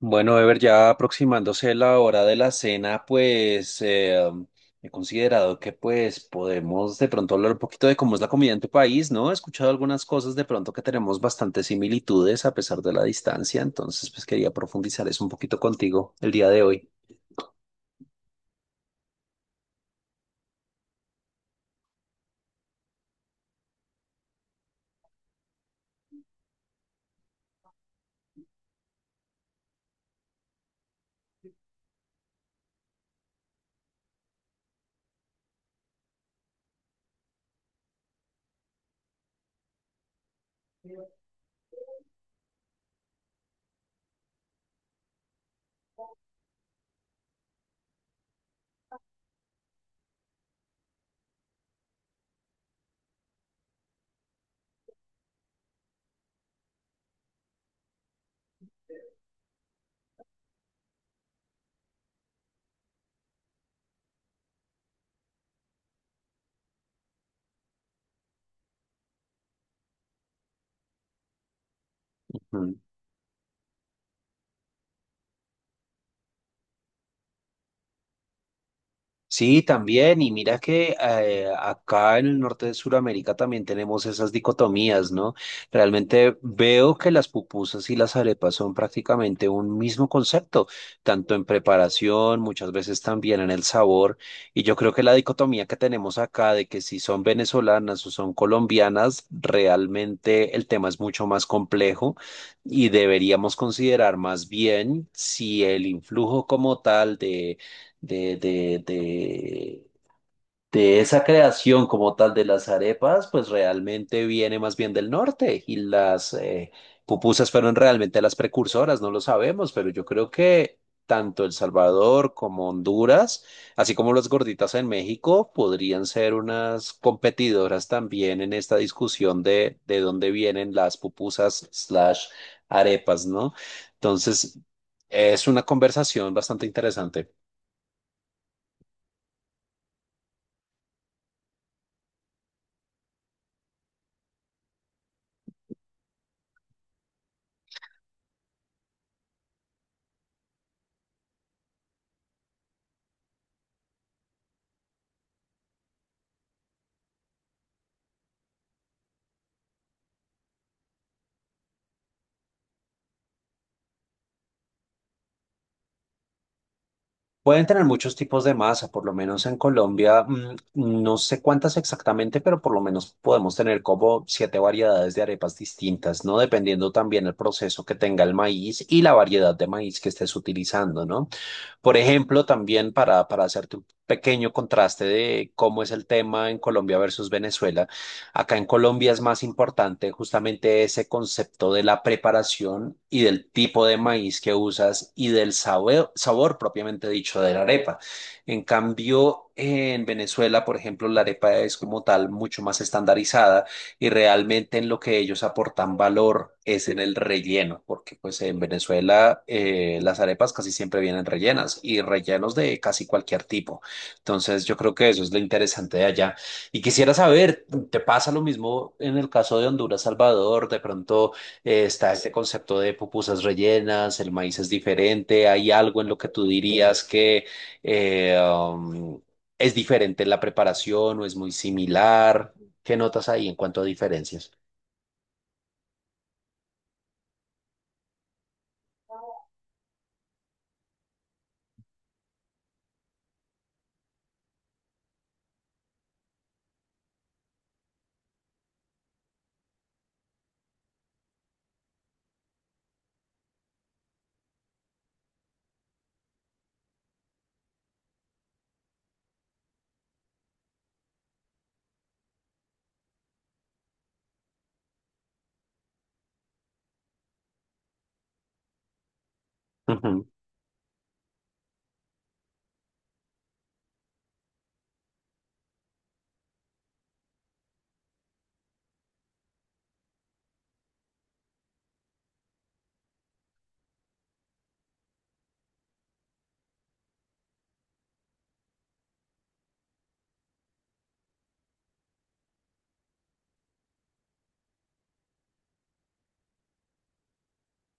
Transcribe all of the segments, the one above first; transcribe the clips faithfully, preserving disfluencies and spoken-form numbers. Bueno, Ever, ya aproximándose la hora de la cena, pues eh, he considerado que pues podemos de pronto hablar un poquito de cómo es la comida en tu país, ¿no? He escuchado algunas cosas de pronto que tenemos bastantes similitudes a pesar de la distancia, entonces pues quería profundizar eso un poquito contigo el día de hoy. Mm. Sí, también. Y mira que eh, acá en el norte de Sudamérica también tenemos esas dicotomías, ¿no? Realmente veo que las pupusas y las arepas son prácticamente un mismo concepto, tanto en preparación, muchas veces también en el sabor. Y yo creo que la dicotomía que tenemos acá de que si son venezolanas o son colombianas, realmente el tema es mucho más complejo y deberíamos considerar más bien si el influjo como tal de de, de, de, de esa creación como tal de las arepas, pues realmente viene más bien del norte y las eh, pupusas fueron realmente las precursoras, no lo sabemos, pero yo creo que tanto El Salvador como Honduras, así como las gorditas en México, podrían ser unas competidoras también en esta discusión de, de dónde vienen las pupusas slash arepas, ¿no? Entonces, es una conversación bastante interesante. Pueden tener muchos tipos de masa, por lo menos en Colombia, mm, no sé cuántas exactamente, pero por lo menos podemos tener como siete variedades de arepas distintas, ¿no? Dependiendo también el proceso que tenga el maíz y la variedad de maíz que estés utilizando, ¿no? Por ejemplo, también para, para hacerte un pequeño contraste de cómo es el tema en Colombia versus Venezuela, acá en Colombia es más importante justamente ese concepto de la preparación y del tipo de maíz que usas y del sabor, sabor propiamente dicho de la arepa. En cambio, en Venezuela, por ejemplo, la arepa es como tal mucho más estandarizada y realmente en lo que ellos aportan valor es en el relleno, porque pues en Venezuela eh, las arepas casi siempre vienen rellenas y rellenos de casi cualquier tipo. Entonces yo creo que eso es lo interesante de allá. Y quisiera saber, ¿te pasa lo mismo en el caso de Honduras, Salvador? De pronto eh, está este concepto de pupusas rellenas, el maíz es diferente, ¿hay algo en lo que tú dirías que... eh, um, ¿Es diferente en la preparación o es muy similar? ¿Qué notas ahí en cuanto a diferencias? Ujú,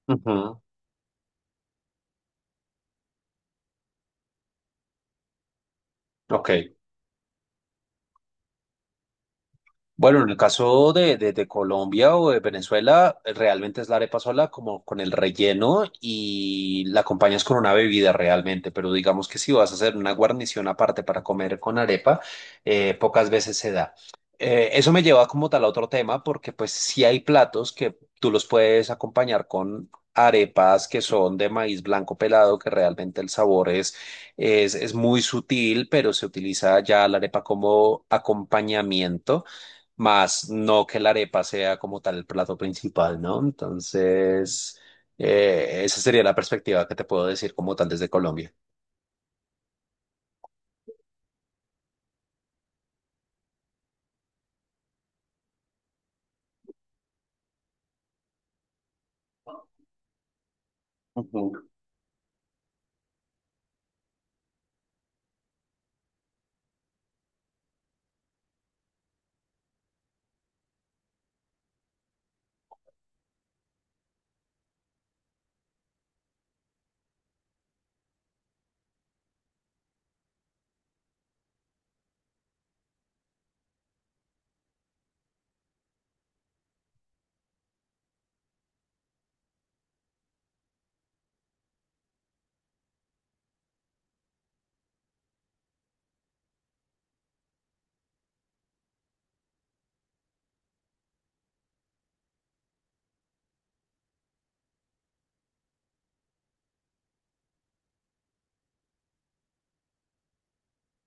ujú. Ok. Bueno, en el caso de, de- de Colombia o de Venezuela, realmente es la arepa sola como con el relleno y la acompañas con una bebida realmente, pero digamos que si vas a hacer una guarnición aparte para comer con arepa, eh, pocas veces se da. Eh, eso me lleva como tal a otro tema porque pues sí hay platos que tú los puedes acompañar con arepas que son de maíz blanco pelado, que realmente el sabor es... Es, es muy sutil, pero se utiliza ya la arepa como acompañamiento más no que la arepa sea como tal el plato principal, ¿no? Entonces, eh, esa sería la perspectiva que te puedo decir como tal desde Colombia. Ujú.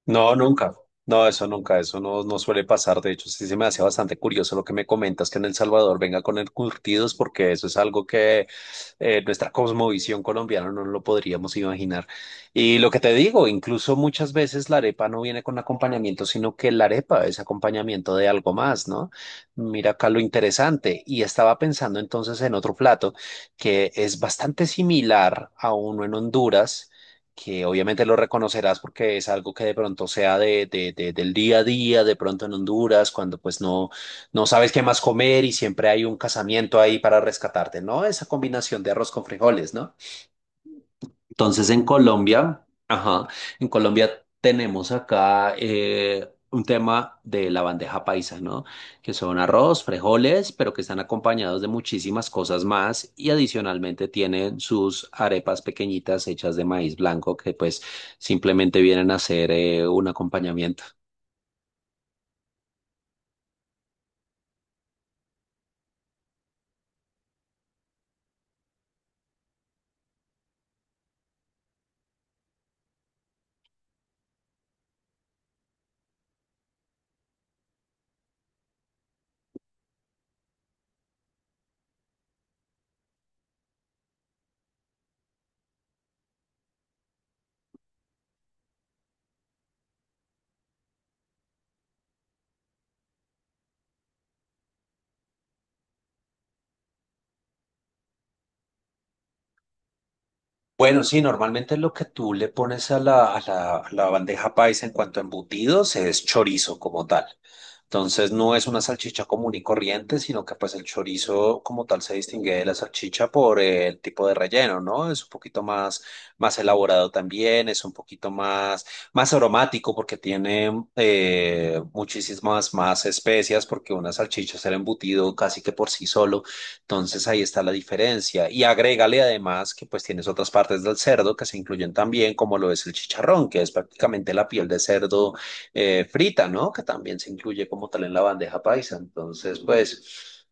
No, nunca. No, eso nunca, eso no, no suele pasar. De hecho, sí se me hace bastante curioso lo que me comentas que en El Salvador venga con el curtidos, porque eso es algo que eh, nuestra cosmovisión colombiana no lo podríamos imaginar. Y lo que te digo, incluso muchas veces la arepa no viene con acompañamiento, sino que la arepa es acompañamiento de algo más, ¿no? Mira acá lo interesante. Y estaba pensando entonces en otro plato que es bastante similar a uno en Honduras que obviamente lo reconocerás porque es algo que de pronto sea de, de- de- del día a día, de pronto en Honduras, cuando pues no, no sabes qué más comer y siempre hay un casamiento ahí para rescatarte, ¿no? Esa combinación de arroz con frijoles, ¿no? Entonces en Colombia, ajá, en Colombia tenemos acá eh, un tema de la bandeja paisa, ¿no? Que son arroz, frijoles, pero que están acompañados de muchísimas cosas más y adicionalmente tienen sus arepas pequeñitas hechas de maíz blanco que pues simplemente vienen a ser eh, un acompañamiento. Bueno, sí, normalmente lo que tú le pones a la, a la, a la bandeja paisa en cuanto a embutidos es chorizo como tal. Entonces no es una salchicha común y corriente, sino que pues el chorizo como tal se distingue de la salchicha por eh, el tipo de relleno, ¿no? Es un poquito más, más elaborado también, es un poquito más, más aromático porque tiene eh, muchísimas más especias porque una salchicha es el embutido casi que por sí solo. Entonces ahí está la diferencia. Y agrégale además que pues tienes otras partes del cerdo que se incluyen también, como lo es el chicharrón, que es prácticamente la piel de cerdo eh, frita, ¿no? Que también se incluye como tal en la bandeja paisa. Entonces, pues,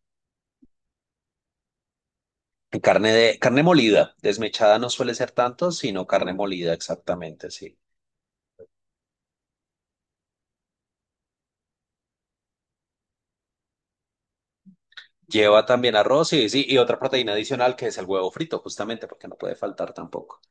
carne de, carne molida, desmechada no suele ser tanto, sino carne molida, exactamente, sí. Lleva también arroz y, sí, y otra proteína adicional que es el huevo frito, justamente, porque no puede faltar tampoco.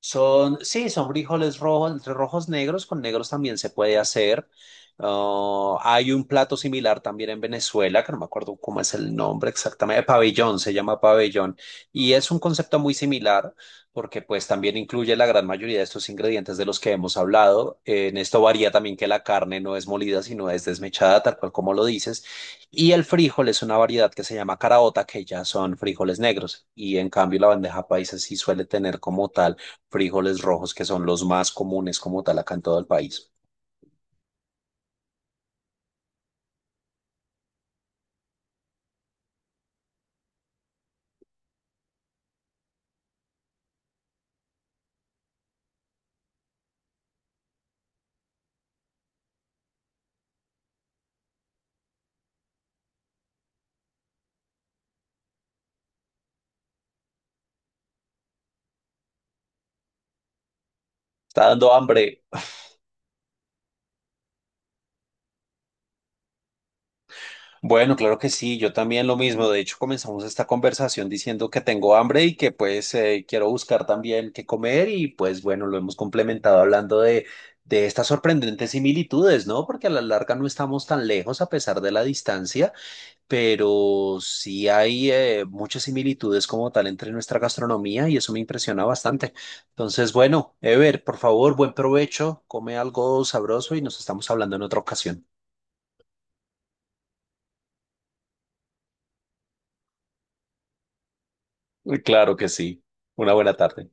Son, sí, son frijoles rojos, entre rojos negros, con negros también se puede hacer. Ah, hay un plato similar también en Venezuela, que no me acuerdo cómo es el nombre exactamente, pabellón, se llama pabellón. Y es un concepto muy similar, porque pues también incluye la gran mayoría de estos ingredientes de los que hemos hablado. En esto varía también que la carne no es molida, sino es desmechada, tal cual como lo dices. Y el frijol es una variedad que se llama caraota, que ya son frijoles negros. Y en cambio la bandeja paisa sí suele tener como tal frijoles rojos, que son los más comunes como tal acá en todo el país. Está dando hambre. Bueno, claro que sí, yo también lo mismo. De hecho, comenzamos esta conversación diciendo que tengo hambre y que pues eh, quiero buscar también qué comer y pues bueno, lo hemos complementado hablando de, de estas sorprendentes similitudes, ¿no? Porque a la larga no estamos tan lejos a pesar de la distancia pero sí hay eh, muchas similitudes como tal entre nuestra gastronomía y eso me impresiona bastante. Entonces, bueno, Ever, por favor, buen provecho, come algo sabroso y nos estamos hablando en otra ocasión. Claro que sí. Una buena tarde.